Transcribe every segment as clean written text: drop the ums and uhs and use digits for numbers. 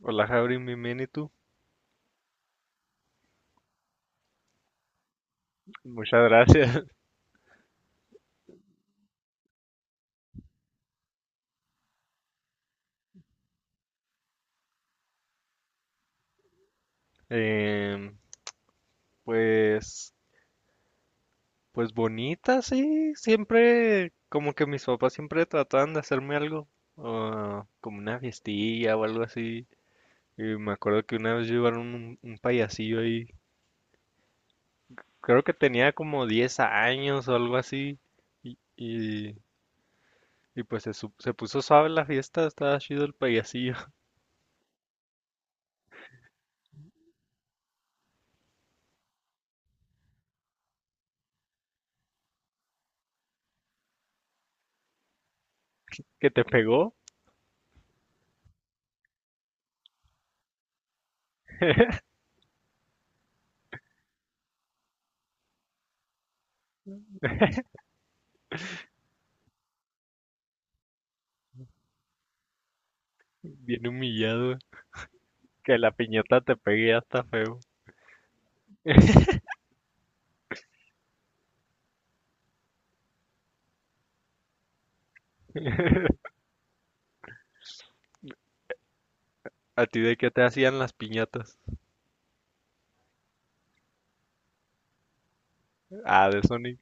Hola, Javrin, bienvenido. Muchas gracias. Em, pues, pues bonita, sí. Siempre, como que mis papás siempre trataban de hacerme algo, como una fiestilla o algo así. Y me acuerdo que una vez llevaron un payasillo ahí. Creo que tenía como 10 años o algo así. Y, y, y pues se puso suave la fiesta, estaba chido el payasillo. Que te pegó, bien humillado. Que la piñata te pegue ya está feo. ¿A ti de qué te hacían las piñatas? Ah, de Sonic.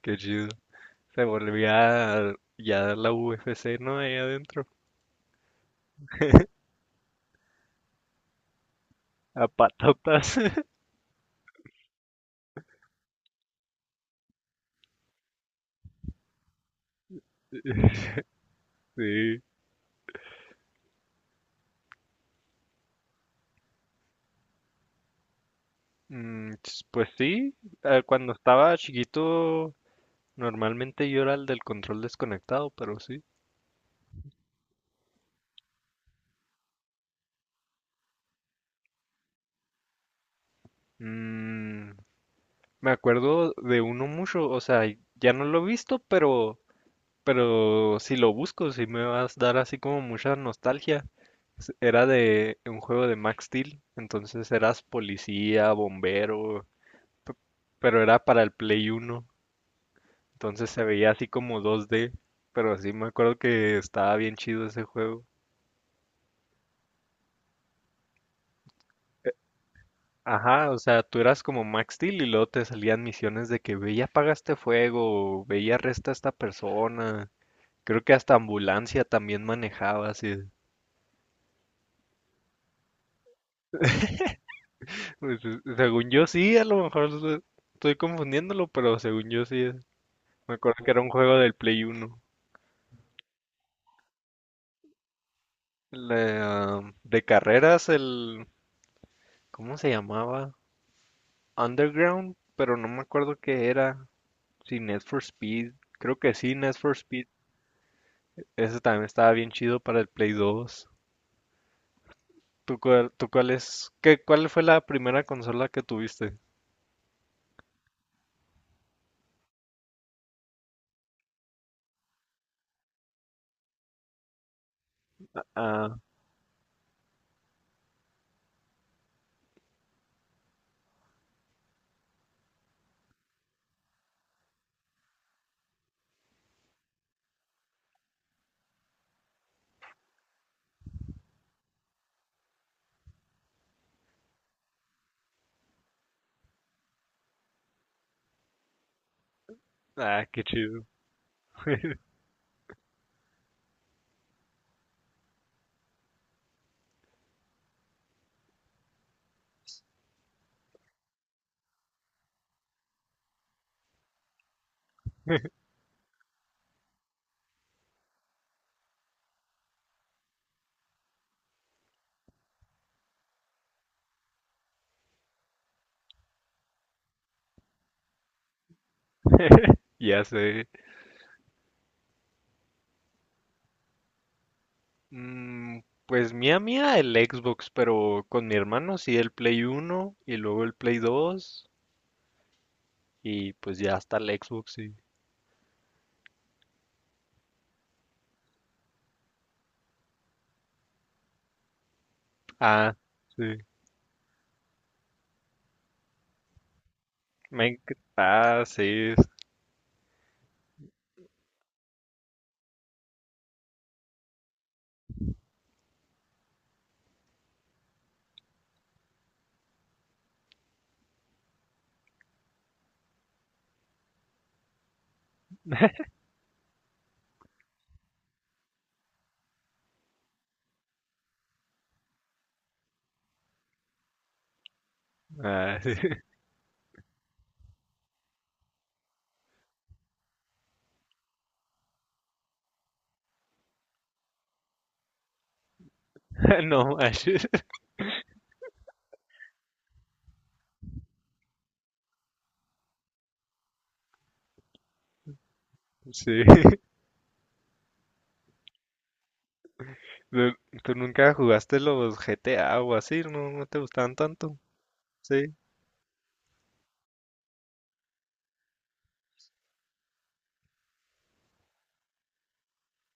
Qué chido. Se volvía ya la UFC, ¿no? Ahí adentro. A patatas. Sí. Pues sí. Cuando estaba chiquito, normalmente yo era el del control desconectado, pero sí. Mm, me acuerdo de uno mucho. O sea, ya no lo he visto, pero si lo busco, si me vas a dar así como mucha nostalgia. Era de un juego de Max Steel, entonces eras policía, bombero, pe- pero era para el Play 1, entonces se veía así como 2D, pero sí me acuerdo que estaba bien chido ese juego. Ajá, o sea, tú eras como Max Steel y luego te salían misiones de que ve y apaga este fuego, ve y arresta a esta persona. Creo que hasta ambulancia también manejabas y pues, según yo sí, a lo mejor estoy confundiéndolo, pero según yo sí. Es. Me acuerdo que era un juego del Play 1. De carreras, el, ¿cómo se llamaba? Underground, pero no me acuerdo qué era. Si Need for Speed. Creo que sí, Need for Speed. Ese también estaba bien chido para el Play 2. ¿Tú cuál es? ¿Qué, cuál fue la primera consola que tuviste? Ah, ah, qué chido. Ya sé. Mm, pues mía, el Xbox, pero con mi hermano sí el Play 1 y luego el Play 2, y pues ya hasta el Xbox, sí. Ah, sí. Ah, sí. Ah, sí. No manches. Sí. ¿Tú tú nunca jugaste los GTA o así? ¿No, no te gustaban tanto? Sí.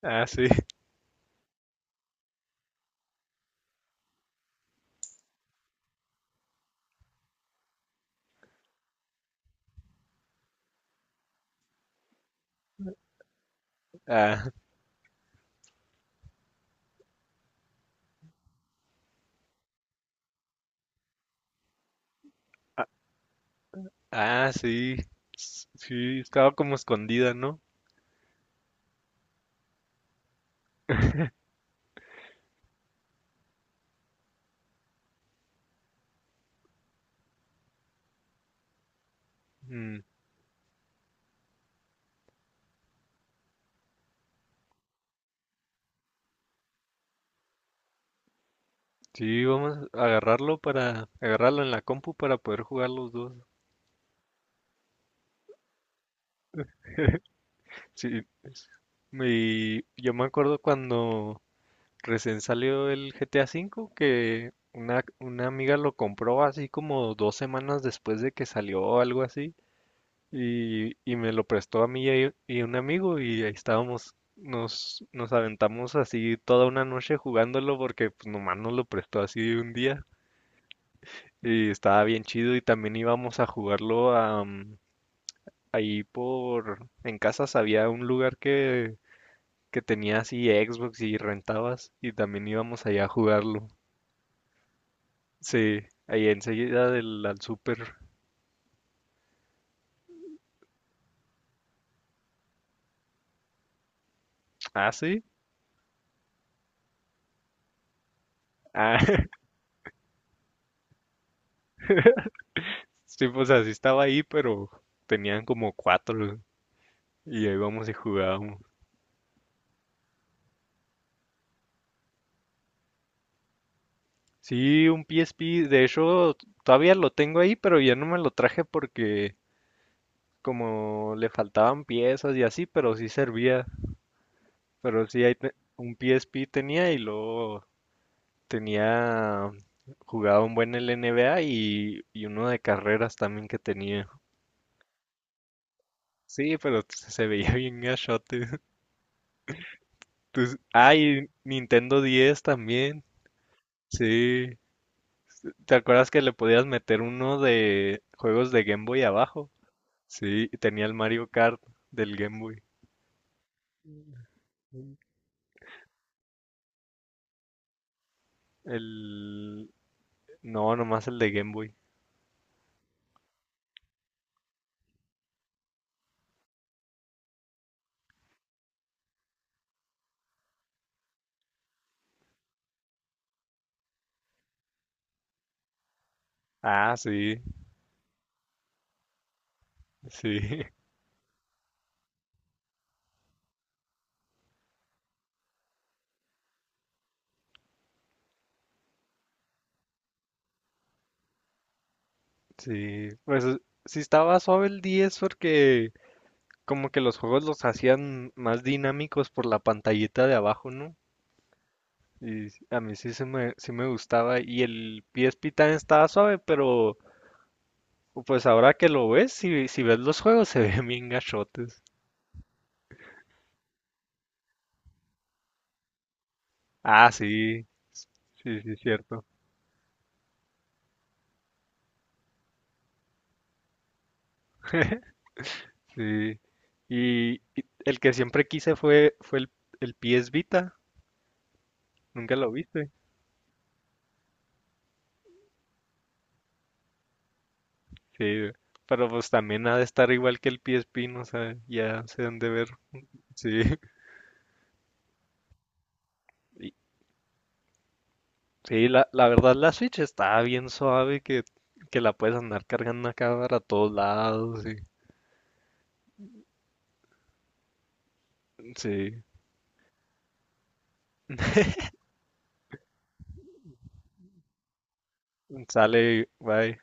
Ah, sí. Ah, ah, sí. Sí, estaba como escondida, ¿no? Mm. Sí, vamos a agarrarlo, para agarrarlo en la compu, para poder jugar los dos. Sí, y yo me acuerdo cuando recién salió el GTA V, que una amiga lo compró así como 2 semanas después de que salió o algo así. Y me lo prestó a mí y un amigo, y ahí estábamos, nos aventamos así toda una noche jugándolo, porque pues, nomás nos lo prestó así un día. Y estaba bien chido, y también íbamos a jugarlo a, ahí por, en casas había un lugar que tenía así Xbox y rentabas, y también íbamos allá a jugarlo. Sí, ahí enseguida del al súper. Ah, sí. Ah, sí, pues así estaba ahí, pero tenían como cuatro y ahí íbamos y jugábamos. Sí, un PSP, de hecho todavía lo tengo ahí, pero ya no me lo traje porque como le faltaban piezas y así, pero sí servía. Pero sí, ahí un PSP tenía, y luego Tenía, jugaba un buen el NBA, y uno de carreras también que tenía. Sí, pero se veía bien gachote. Ah, y Nintendo 10 también. Sí. ¿Te acuerdas que le podías meter uno de juegos de Game Boy abajo? Sí, y tenía el Mario Kart del Game Boy. Ujú. El. No, nomás el de Game Boy. Ah, sí, sí, sí. Pues sí estaba suave el 10 porque como que los juegos los hacían más dinámicos por la pantallita de abajo, ¿no? Y a mí sí, se me, sí me gustaba. Y el PSP también estaba suave, pero pues ahora que lo ves, si, si ves los juegos, se ven bien gachotes. Ah, sí, sí, sí, cierto. Sí. Y el que siempre quise fue el PS Vita. ¿Nunca lo viste? Sí, pero pues también ha de estar igual que el PSP, no sé, ya se han de ver. Sí. Y, sí, la verdad la Switch está bien suave, que la puedes andar cargando acá para todos lados. Sí, sale, bye.